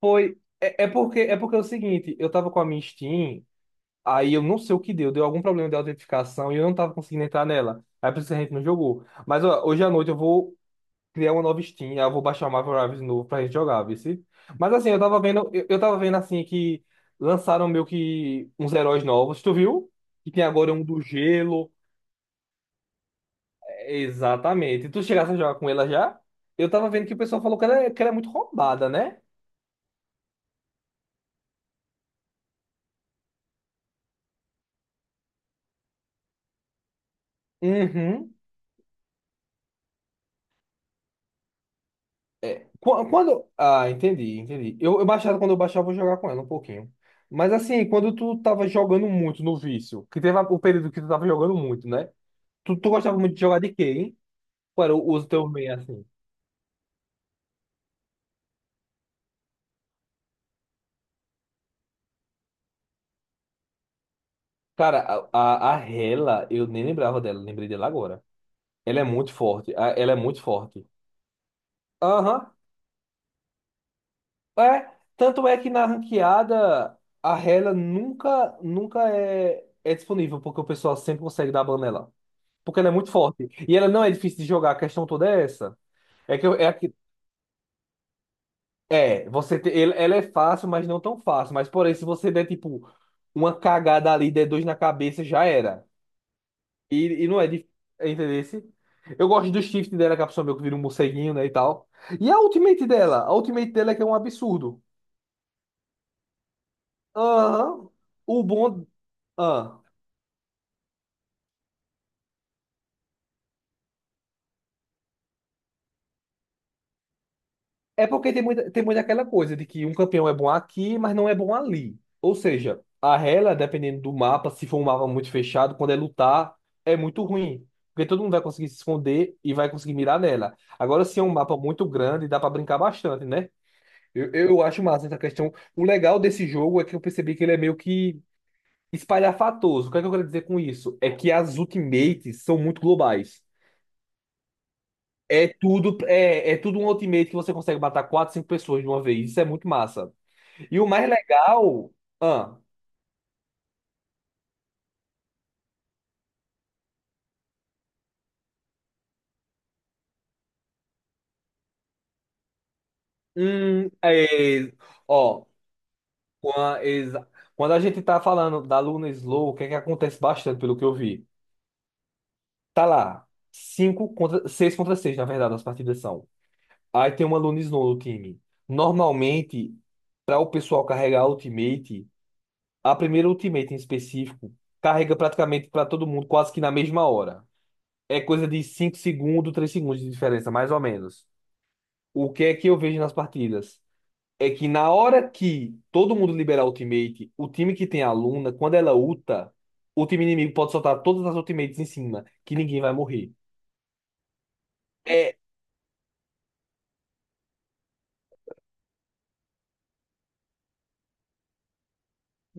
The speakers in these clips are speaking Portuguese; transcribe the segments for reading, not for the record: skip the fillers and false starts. Foi. É porque é o seguinte, eu tava com a minha Steam, aí eu não sei o que deu algum problema de autenticação e eu não tava conseguindo entrar nela. Aí por isso que a gente não jogou. Mas ó, hoje à noite eu vou criar uma nova Steam, aí eu vou baixar o Marvel Rivals de novo pra gente jogar, viu? Mas assim, eu tava vendo assim que lançaram meio que uns heróis novos, tu viu? Que tem agora um do gelo. É, exatamente. Tu chegasse a jogar com ela já? Eu tava vendo que o pessoal falou que ela, que ela é muito roubada, né? Uhum. Quando. Ah, entendi, entendi. Eu baixava, quando eu baixava, eu vou jogar com ela um pouquinho. Mas assim, quando tu tava jogando muito no vício, que teve o período que tu tava jogando muito, né? Tu gostava muito de jogar de quê, hein? Qual era o uso teu meio assim? Cara, a Hela, eu nem lembrava dela, lembrei dela agora. Ela é muito forte, ela é muito forte. Aham, é. Tanto é que na ranqueada, a Hela nunca, nunca é disponível, porque o pessoal sempre consegue dar ban nela. Porque ela é muito forte. E ela não é difícil de jogar, a questão toda é essa. É que eu- é, que, ela é fácil, mas não tão fácil. Mas porém, se você der tipo uma cagada ali, der dois na cabeça, já era. E não é difícil, entendeu? Eu gosto do shift dela, que a pessoa meio que vira um morceguinho, né, e tal. E a ultimate dela? A ultimate dela é que é um absurdo. Aham. O bom. Ah. É porque tem muita aquela coisa de que um campeão é bom aqui, mas não é bom ali. Ou seja, a Rela, dependendo do mapa, se for um mapa muito fechado, quando é lutar, é muito ruim. Porque todo mundo vai conseguir se esconder e vai conseguir mirar nela. Agora, se é um mapa muito grande, dá pra brincar bastante, né? Eu acho massa essa questão. O legal desse jogo é que eu percebi que ele é meio que espalhafatoso. O que é que eu quero dizer com isso? É que as ultimates são muito globais. É tudo um ultimate que você consegue matar 4, 5 pessoas de uma vez. Isso é muito massa. E o mais legal, ah, hum, é, ó, qua- exa- quando a gente tá falando da Luna Slow, o que é que acontece bastante, pelo que eu vi? Tá lá, 6 contra 6 na verdade, as partidas são. Aí tem uma Luna Slow no time. Normalmente, para o pessoal carregar a Ultimate, a primeira Ultimate em específico, carrega praticamente para todo mundo quase que na mesma hora. É coisa de 5 segundos, 3 segundos de diferença, mais ou menos. O que é que eu vejo nas partidas? É que na hora que todo mundo liberar ultimate, o time que tem a Luna, quando ela ulta, o time inimigo pode soltar todas as ultimates em cima, que ninguém vai morrer. É,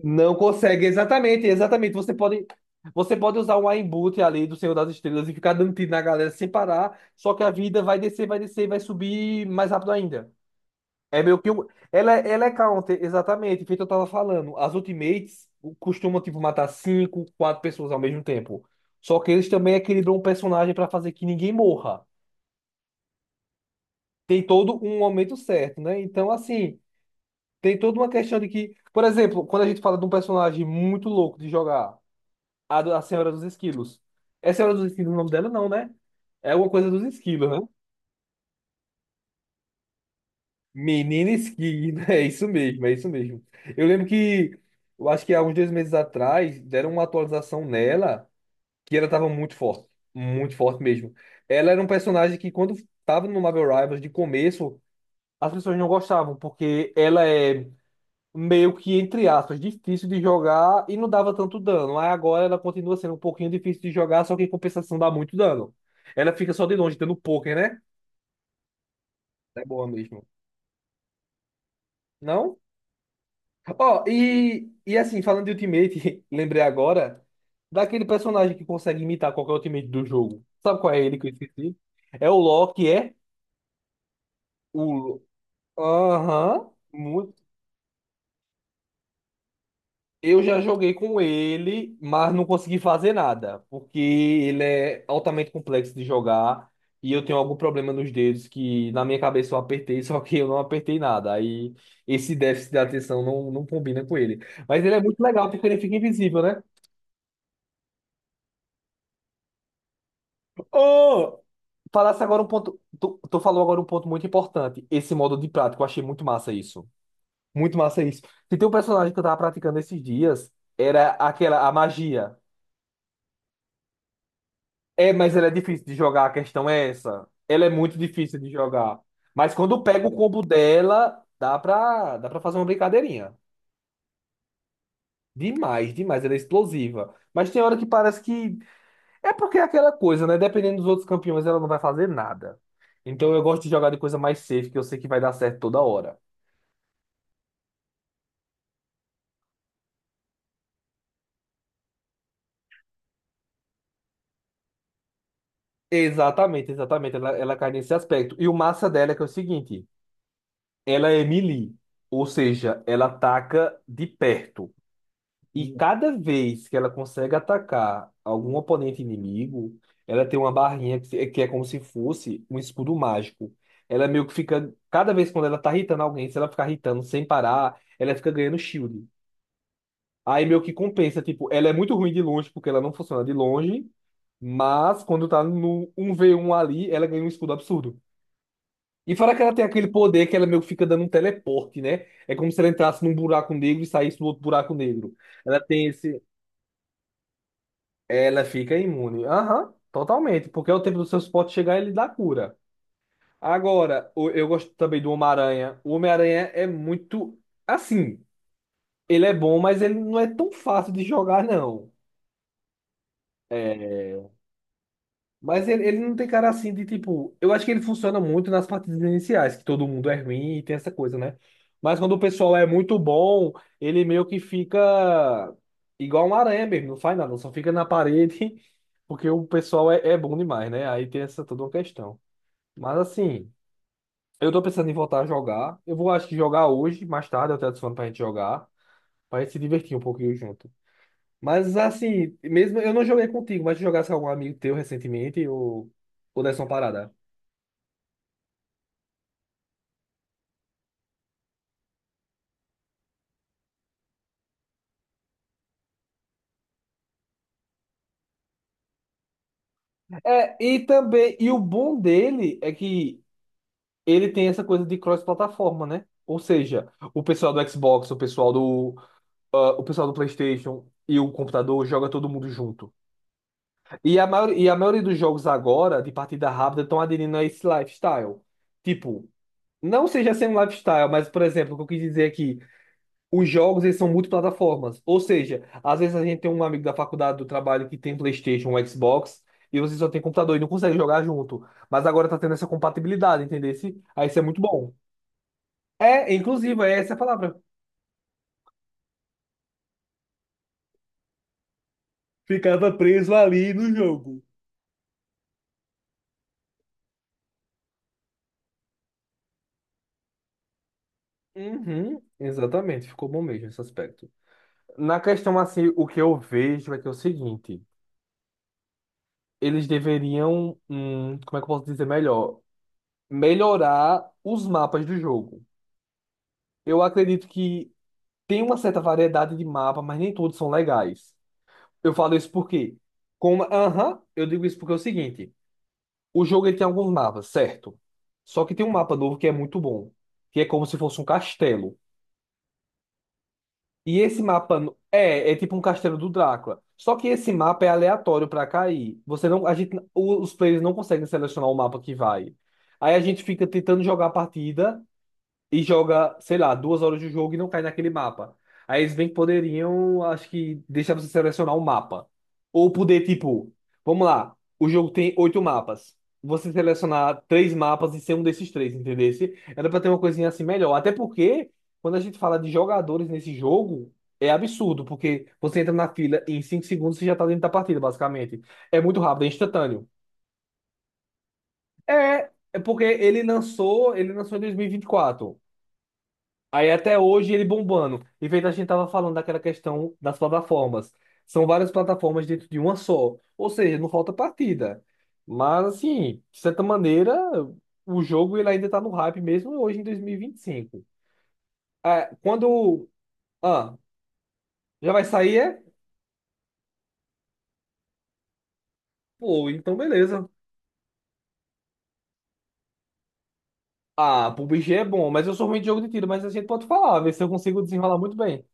não consegue, exatamente, exatamente. Você pode usar um aimbot ali do Senhor das Estrelas e ficar dando tiro na galera sem parar, só que a vida vai descer, vai descer, vai subir mais rápido ainda. É meio que um. Ela é counter, exatamente, feito eu tava falando. As ultimates costumam, tipo, matar cinco, quatro pessoas ao mesmo tempo. Só que eles também equilibram o personagem pra fazer que ninguém morra. Tem todo um momento certo, né? Então, assim, tem toda uma questão de que, por exemplo, quando a gente fala de um personagem muito louco de jogar, a Senhora dos Esquilos. É Senhora dos Esquilos o nome dela, não, né? É alguma coisa dos esquilos, né? Menina Skig, é isso mesmo, é isso mesmo. Eu lembro que, eu acho que há uns 2 meses atrás, deram uma atualização nela que ela tava muito forte mesmo. Ela era um personagem que, quando tava no Marvel Rivals de começo, as pessoas não gostavam, porque ela é meio que, entre aspas, difícil de jogar e não dava tanto dano. Aí agora ela continua sendo um pouquinho difícil de jogar, só que em compensação dá muito dano. Ela fica só de longe, dando poker, né? É boa mesmo. Não? Ó, e assim, falando de Ultimate, lembrei agora daquele personagem que consegue imitar qualquer Ultimate do jogo. Sabe qual é ele que eu esqueci? É o Loki, é? O... Aham, muito. Eu já joguei com ele, mas não consegui fazer nada, porque ele é altamente complexo de jogar e eu tenho algum problema nos dedos que na minha cabeça eu apertei, só que eu não apertei nada. Aí esse déficit de atenção não combina com ele. Mas ele é muito legal porque ele fica invisível, né? Oh! Falasse agora um ponto. Tu falou agora um ponto muito importante. Esse modo de prática. Eu achei muito massa isso. Muito massa isso. Se tem um personagem que eu tava praticando esses dias, era aquela, a magia. É, mas ela é difícil de jogar, a questão é essa. Ela é muito difícil de jogar. Mas quando pega o combo dela, dá pra fazer uma brincadeirinha. Demais, demais. Ela é explosiva. Mas tem hora que parece que. É porque é aquela coisa, né? Dependendo dos outros campeões, ela não vai fazer nada. Então eu gosto de jogar de coisa mais safe, que eu sei que vai dar certo toda hora. Exatamente, exatamente. Ela cai nesse aspecto. E o massa dela é que é o seguinte: ela é melee, ou seja, ela ataca de perto. E cada vez que ela consegue atacar algum oponente inimigo, ela tem uma barrinha que, que é como se fosse um escudo mágico. Ela meio que fica. Cada vez quando ela tá irritando alguém, se ela ficar irritando sem parar, ela fica ganhando shield. Aí meio que compensa, tipo, ela é muito ruim de longe porque ela não funciona de longe, mas quando tá no 1v1 ali, ela ganha um escudo absurdo. E fora que ela tem aquele poder que ela meio que fica dando um teleporte, né? É como se ela entrasse num buraco negro e saísse do outro buraco negro. Ela tem esse. Ela fica imune. Aham, totalmente. Porque é o tempo do seu suporte chegar e ele dá cura. Agora, eu gosto também do Homem-Aranha. O Homem-Aranha é muito. Assim, ele é bom, mas ele não é tão fácil de jogar, não. É. Mas ele não tem cara assim de tipo. Eu acho que ele funciona muito nas partidas iniciais, que todo mundo é ruim e tem essa coisa, né? Mas quando o pessoal é muito bom, ele meio que fica igual um aranha mesmo, não faz nada, só fica na parede, porque o pessoal é, é bom demais, né? Aí tem essa toda uma questão. Mas assim, eu tô pensando em voltar a jogar. Eu vou, acho que jogar hoje, mais tarde, eu te adiciono pra gente jogar, pra gente se divertir um pouquinho junto. Mas assim, mesmo eu não joguei contigo, mas se jogasse com algum amigo teu recentemente, ou desse uma parada. É, e também, e o bom dele é que ele tem essa coisa de cross-plataforma, né? Ou seja, o pessoal do Xbox, o pessoal do PlayStation e o computador joga todo mundo junto. E a maioria dos jogos agora, de partida rápida, estão aderindo a esse lifestyle. Tipo, não seja sem um lifestyle, mas, por exemplo, o que eu quis dizer aqui, os jogos eles são multiplataformas. Ou seja, às vezes a gente tem um amigo da faculdade do trabalho que tem PlayStation, um Xbox, e você só tem computador e não consegue jogar junto. Mas agora tá tendo essa compatibilidade, entendeu? Aí isso é muito bom. É, inclusive, é essa a palavra. Ficava preso ali no jogo. Uhum, exatamente, ficou bom mesmo esse aspecto. Na questão assim, o que eu vejo é que é o seguinte, eles deveriam, como é que eu posso dizer melhor? Melhorar os mapas do jogo. Eu acredito que tem uma certa variedade de mapa, mas nem todos são legais. Eu falo isso porque Como, aham, eu digo isso porque é o seguinte: o jogo ele tem alguns mapas, certo? Só que tem um mapa novo que é muito bom, que é como se fosse um castelo. E esse mapa é tipo um castelo do Drácula. Só que esse mapa é aleatório para cair. Você não, a gente, os players não conseguem selecionar o mapa que vai. Aí a gente fica tentando jogar a partida e joga, sei lá, 2 horas de jogo e não cai naquele mapa. Aí eles bem que poderiam, acho que, deixar você selecionar um mapa. Ou poder, tipo, vamos lá, o jogo tem oito mapas. Você selecionar três mapas e ser um desses três, entendesse? Era pra ter uma coisinha assim melhor. Até porque, quando a gente fala de jogadores nesse jogo, é absurdo, porque você entra na fila e em 5 segundos você já tá dentro da partida, basicamente. É muito rápido, é instantâneo. É, é porque ele lançou em dois mil e vinte e quatro. Aí até hoje ele bombando. E feito a gente tava falando daquela questão das plataformas. São várias plataformas dentro de uma só. Ou seja, não falta partida. Mas assim, de certa maneira, o jogo ele ainda tá no hype mesmo hoje em 2025. Ah, ah, já vai sair, pô, então beleza. Ah, PUBG é bom, mas eu sou ruim de jogo de tiro, mas a gente pode falar, ver se eu consigo desenrolar muito bem.